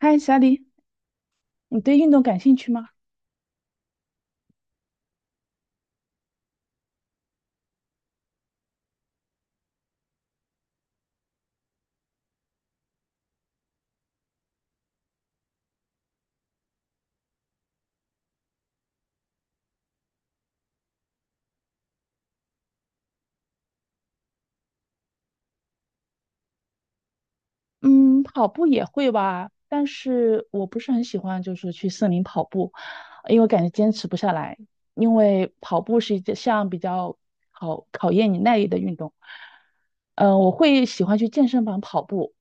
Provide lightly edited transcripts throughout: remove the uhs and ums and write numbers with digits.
嗨，小李，你对运动感兴趣吗？嗯，跑步也会吧，但是我不是很喜欢，就是去森林跑步，因为感觉坚持不下来。因为跑步是一项比较考验你耐力的运动。我会喜欢去健身房跑步，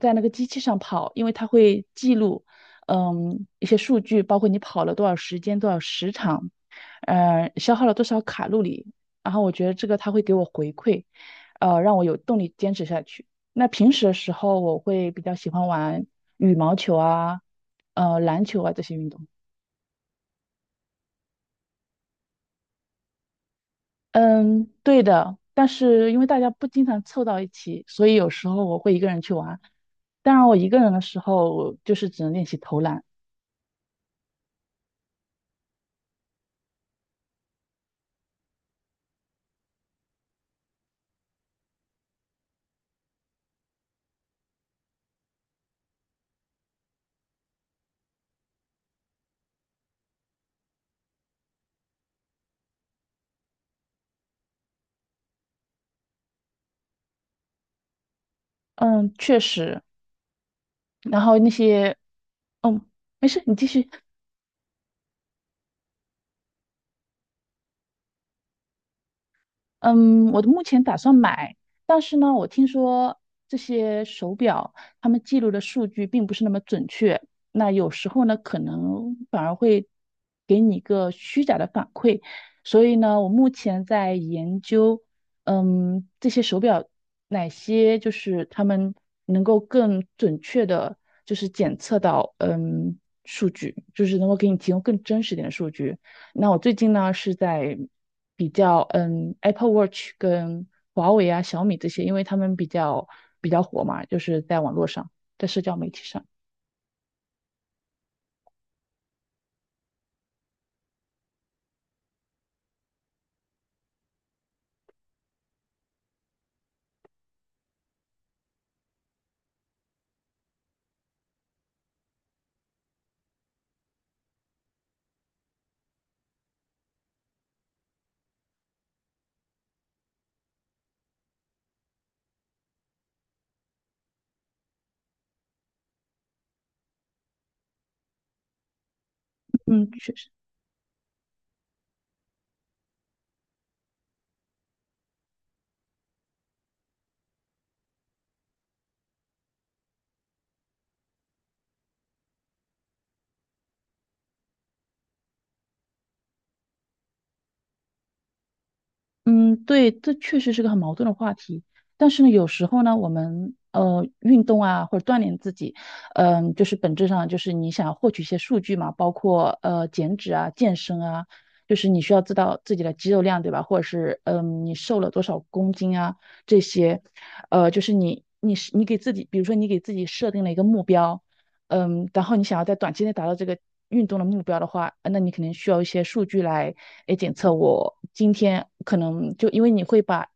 在那个机器上跑，因为它会记录，一些数据，包括你跑了多少时间、多少时长，消耗了多少卡路里。然后我觉得这个它会给我回馈，让我有动力坚持下去。那平时的时候，我会比较喜欢玩羽毛球啊，篮球啊这些运动。嗯，对的。但是因为大家不经常凑到一起，所以有时候我会一个人去玩。当然，我一个人的时候就是只能练习投篮。嗯，确实。然后那些，嗯，没事，你继续。嗯，我目前打算买，但是呢，我听说这些手表他们记录的数据并不是那么准确，那有时候呢，可能反而会给你一个虚假的反馈，所以呢，我目前在研究，这些手表哪些就是他们能够更准确的，就是检测到，数据，就是能够给你提供更真实点的数据。那我最近呢是在比较Apple Watch 跟华为啊、小米这些，因为他们比较火嘛，就是在网络上，在社交媒体上。嗯，确实。嗯，对，这确实是个很矛盾的话题。但是呢，有时候呢，我们运动啊，或者锻炼自己，就是本质上就是你想获取一些数据嘛，包括减脂啊、健身啊，就是你需要知道自己的肌肉量，对吧？或者是你瘦了多少公斤啊这些，就是你给自己，比如说你给自己设定了一个目标，然后你想要在短期内达到这个运动的目标的话，那你可能需要一些数据来，检测我今天可能就因为你会把，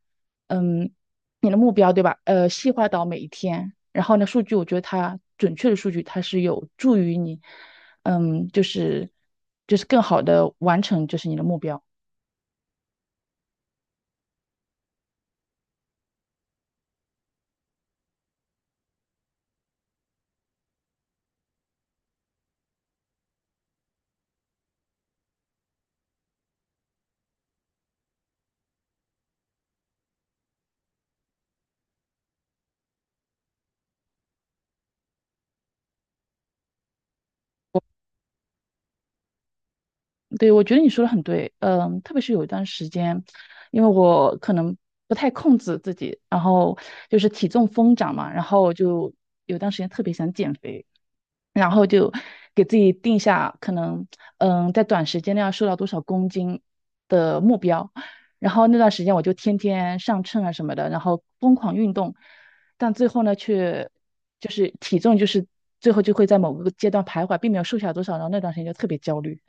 嗯，你的目标对吧？细化到每一天，然后呢，数据我觉得它准确的数据它是有助于你，就是更好的完成就是你的目标。对，我觉得你说的很对，特别是有一段时间，因为我可能不太控制自己，然后就是体重疯涨嘛，然后就有段时间特别想减肥，然后就给自己定下可能，在短时间内要瘦到多少公斤的目标，然后那段时间我就天天上秤啊什么的，然后疯狂运动，但最后呢，却就是体重就是最后就会在某个阶段徘徊，并没有瘦下多少，然后那段时间就特别焦虑。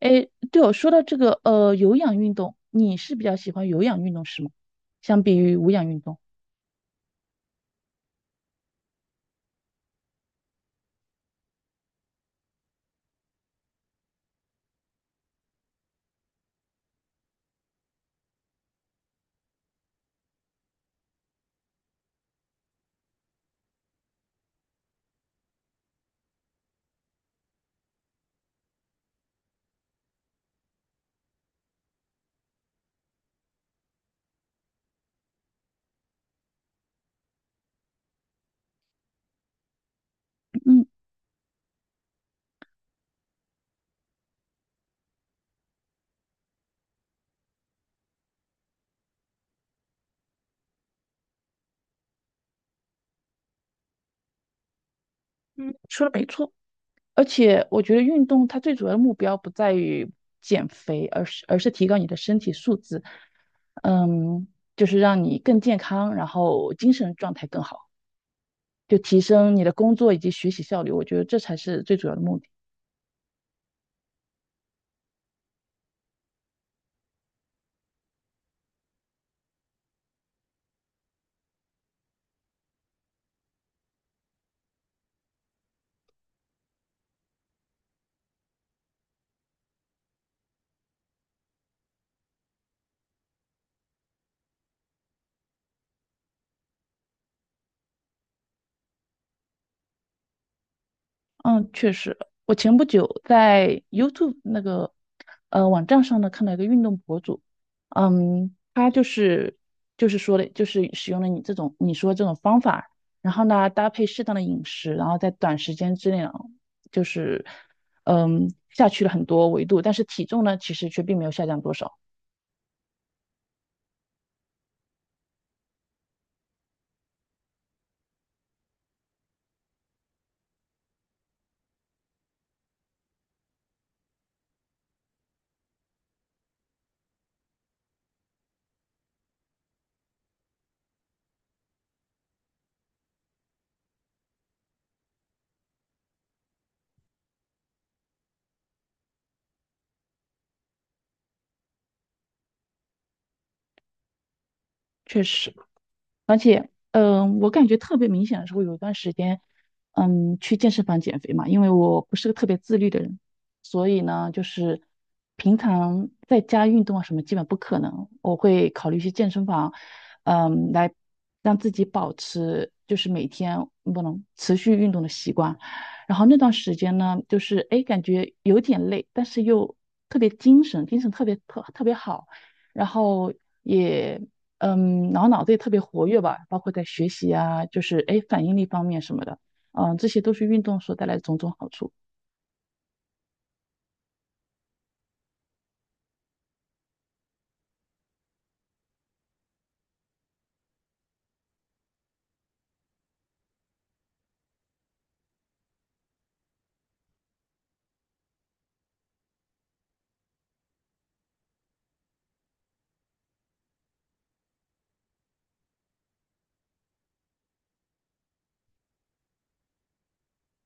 哎，对哦，说到这个有氧运动，你是比较喜欢有氧运动是吗？相比于无氧运动，嗯嗯，说的没错。而且我觉得运动它最主要的目标不在于减肥，而是提高你的身体素质，嗯，就是让你更健康，然后精神状态更好，就提升你的工作以及学习效率。我觉得这才是最主要的目的。嗯，确实，我前不久在 YouTube 那个网站上呢看到一个运动博主，他就是说的，就是使用了你说这种方法，然后呢搭配适当的饮食，然后在短时间之内啊，就是下去了很多维度，但是体重呢其实却并没有下降多少，确实。而且，我感觉特别明显的时候，有一段时间，去健身房减肥嘛，因为我不是个特别自律的人，所以呢，就是平常在家运动啊什么基本不可能，我会考虑去健身房，来让自己保持就是每天不能持续运动的习惯。然后那段时间呢，就是哎，诶感觉有点累，但是又特别精神，精神特别好。然后也然后脑子也特别活跃吧，包括在学习啊，就是哎反应力方面什么的，这些都是运动所带来的种种好处。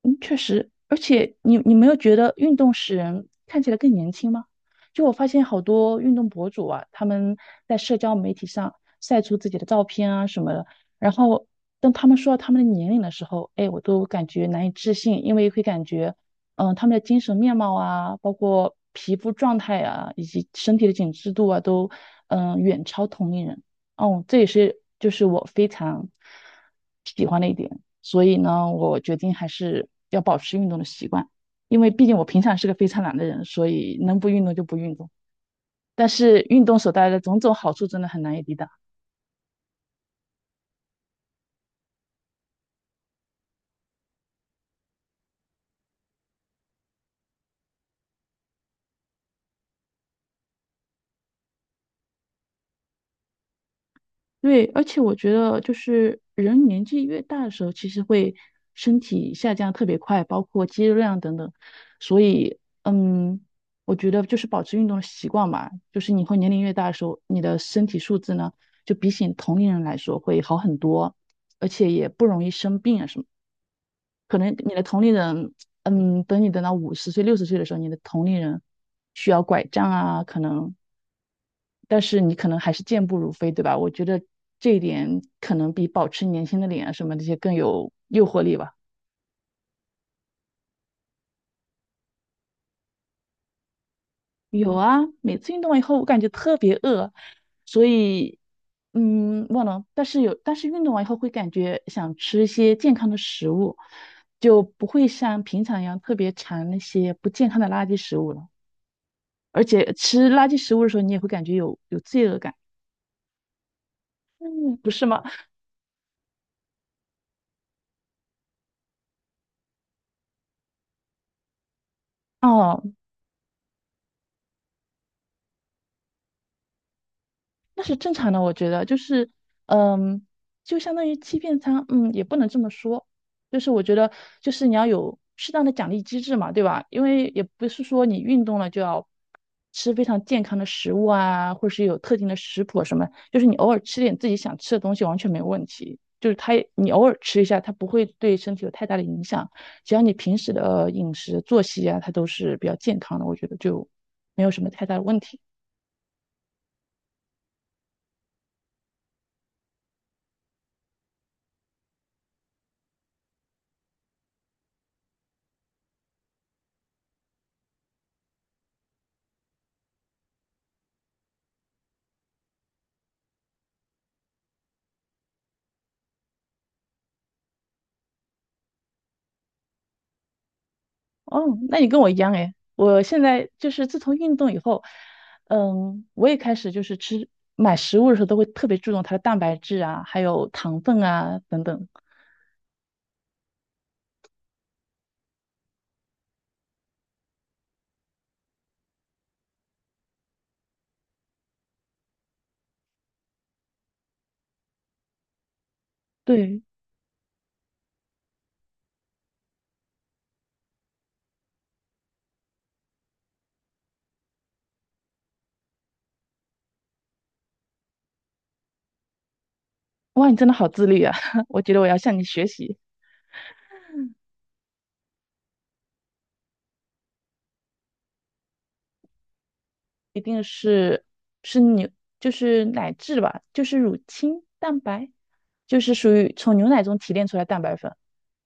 嗯，确实，而且你没有觉得运动使人看起来更年轻吗？就我发现好多运动博主啊，他们在社交媒体上晒出自己的照片啊什么的，然后当他们说到他们的年龄的时候，哎，我都感觉难以置信，因为会感觉，他们的精神面貌啊，包括皮肤状态啊，以及身体的紧致度啊，都远超同龄人。哦，这也是就是我非常喜欢的一点。所以呢，我决定还是要保持运动的习惯，因为毕竟我平常是个非常懒的人，所以能不运动就不运动。但是运动所带来的种种好处真的很难以抵挡。对，而且我觉得就是人年纪越大的时候，其实会身体下降特别快，包括肌肉量等等。所以，我觉得就是保持运动的习惯吧，就是你会年龄越大的时候，你的身体素质呢，就比起同龄人来说会好很多，而且也不容易生病啊什么的可能你的同龄人，等到50岁、60岁的时候，你的同龄人需要拐杖啊，可能，但是你可能还是健步如飞，对吧？我觉得这一点可能比保持年轻的脸啊什么这些更有诱惑力吧。有啊，每次运动完以后，我感觉特别饿，所以，忘了，但是有，但是运动完以后会感觉想吃一些健康的食物，就不会像平常一样特别馋那些不健康的垃圾食物了。而且吃垃圾食物的时候，你也会感觉有罪恶感，嗯，不是吗？哦，那是正常的，我觉得就是，嗯，就相当于欺骗他，也不能这么说，就是我觉得就是你要有适当的奖励机制嘛，对吧？因为也不是说你运动了就要吃非常健康的食物啊，或者是有特定的食谱什么，就是你偶尔吃点自己想吃的东西完全没有问题，就是它也你偶尔吃一下，它不会对身体有太大的影响，只要你平时的饮食作息啊，它都是比较健康的，我觉得就没有什么太大的问题。哦，那你跟我一样诶，我现在就是自从运动以后，我也开始就是吃，买食物的时候都会特别注重它的蛋白质啊，还有糖分啊等等。对，哇，你真的好自律啊！我觉得我要向你学习，一定是是牛，就是奶制吧，就是乳清蛋白，就是属于从牛奶中提炼出来的蛋白粉。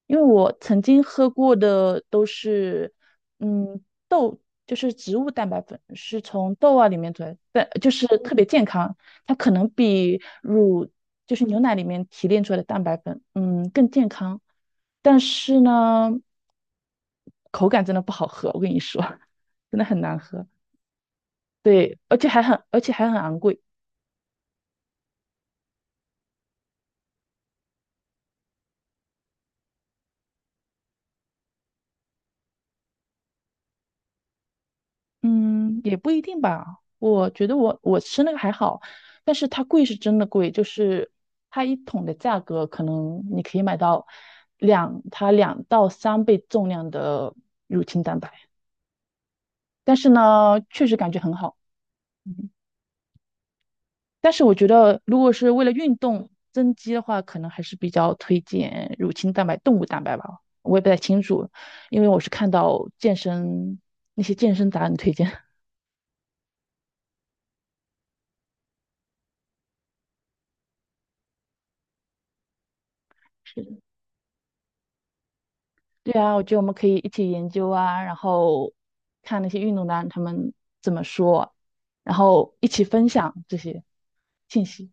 因为我曾经喝过的都是，豆，就是植物蛋白粉，是从豆啊里面做的，但就是特别健康，它可能比乳，就是牛奶里面提炼出来的蛋白粉，更健康，但是呢，口感真的不好喝，我跟你说，真的很难喝，对，而且还很昂贵。嗯，也不一定吧。我觉得我吃那个还好，但是它贵是真的贵，就是它一桶的价格，可能你可以买到它两到三倍重量的，但是呢，确实感觉很好。嗯，但是我觉得如果是为了运动增肌的话，可能还是比较推荐乳清蛋白、动物蛋白吧。我也不太清楚，因为我是看到健身那些健身达人推荐。对啊，我觉得我们可以一起研究啊，然后看那些运动员他们怎么说啊，然后一起分享这些信息。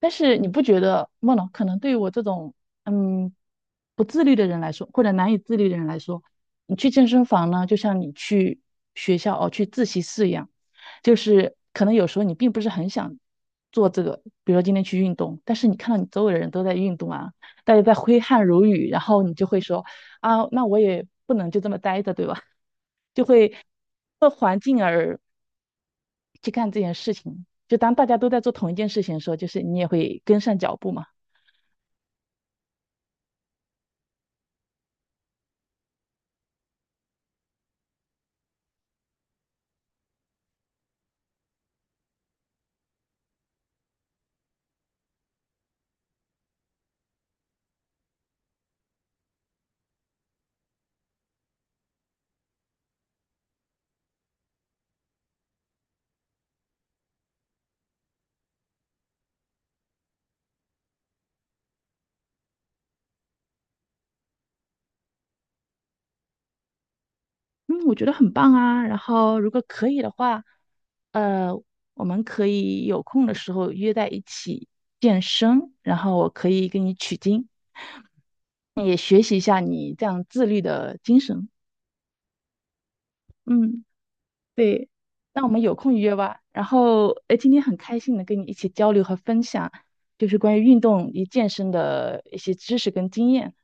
但是你不觉得梦龙可能对于我这种嗯不自律的人来说，或者难以自律的人来说，你去健身房呢，就像你去学校哦去自习室一样，就是可能有时候你并不是很想做这个，比如说今天去运动，但是你看到你周围的人都在运动啊，大家在挥汗如雨，然后你就会说啊，那我也不能就这么待着，对吧？就会。环境而。去干这件事情。就当大家都在做同一件事情的时候，就是你也会跟上脚步嘛。嗯，我觉得很棒啊。然后如果可以的话，呃，我们可以有空的时候约在一起健身，然后我可以给你取经，也学习一下你这样自律的精神。嗯。对，那我们有空约吧。然后，哎，今天很开心能跟你一起交流和分享，就是关于运动与健身的一些知识跟经验。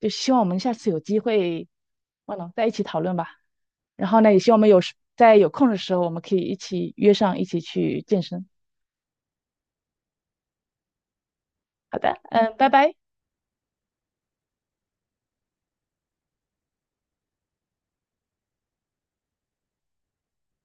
就希望我们下次有机会，忘了在一起讨论吧。然后呢，也希望我们有时在有空的时候，我们可以一起约上一起去健身。好的，拜拜。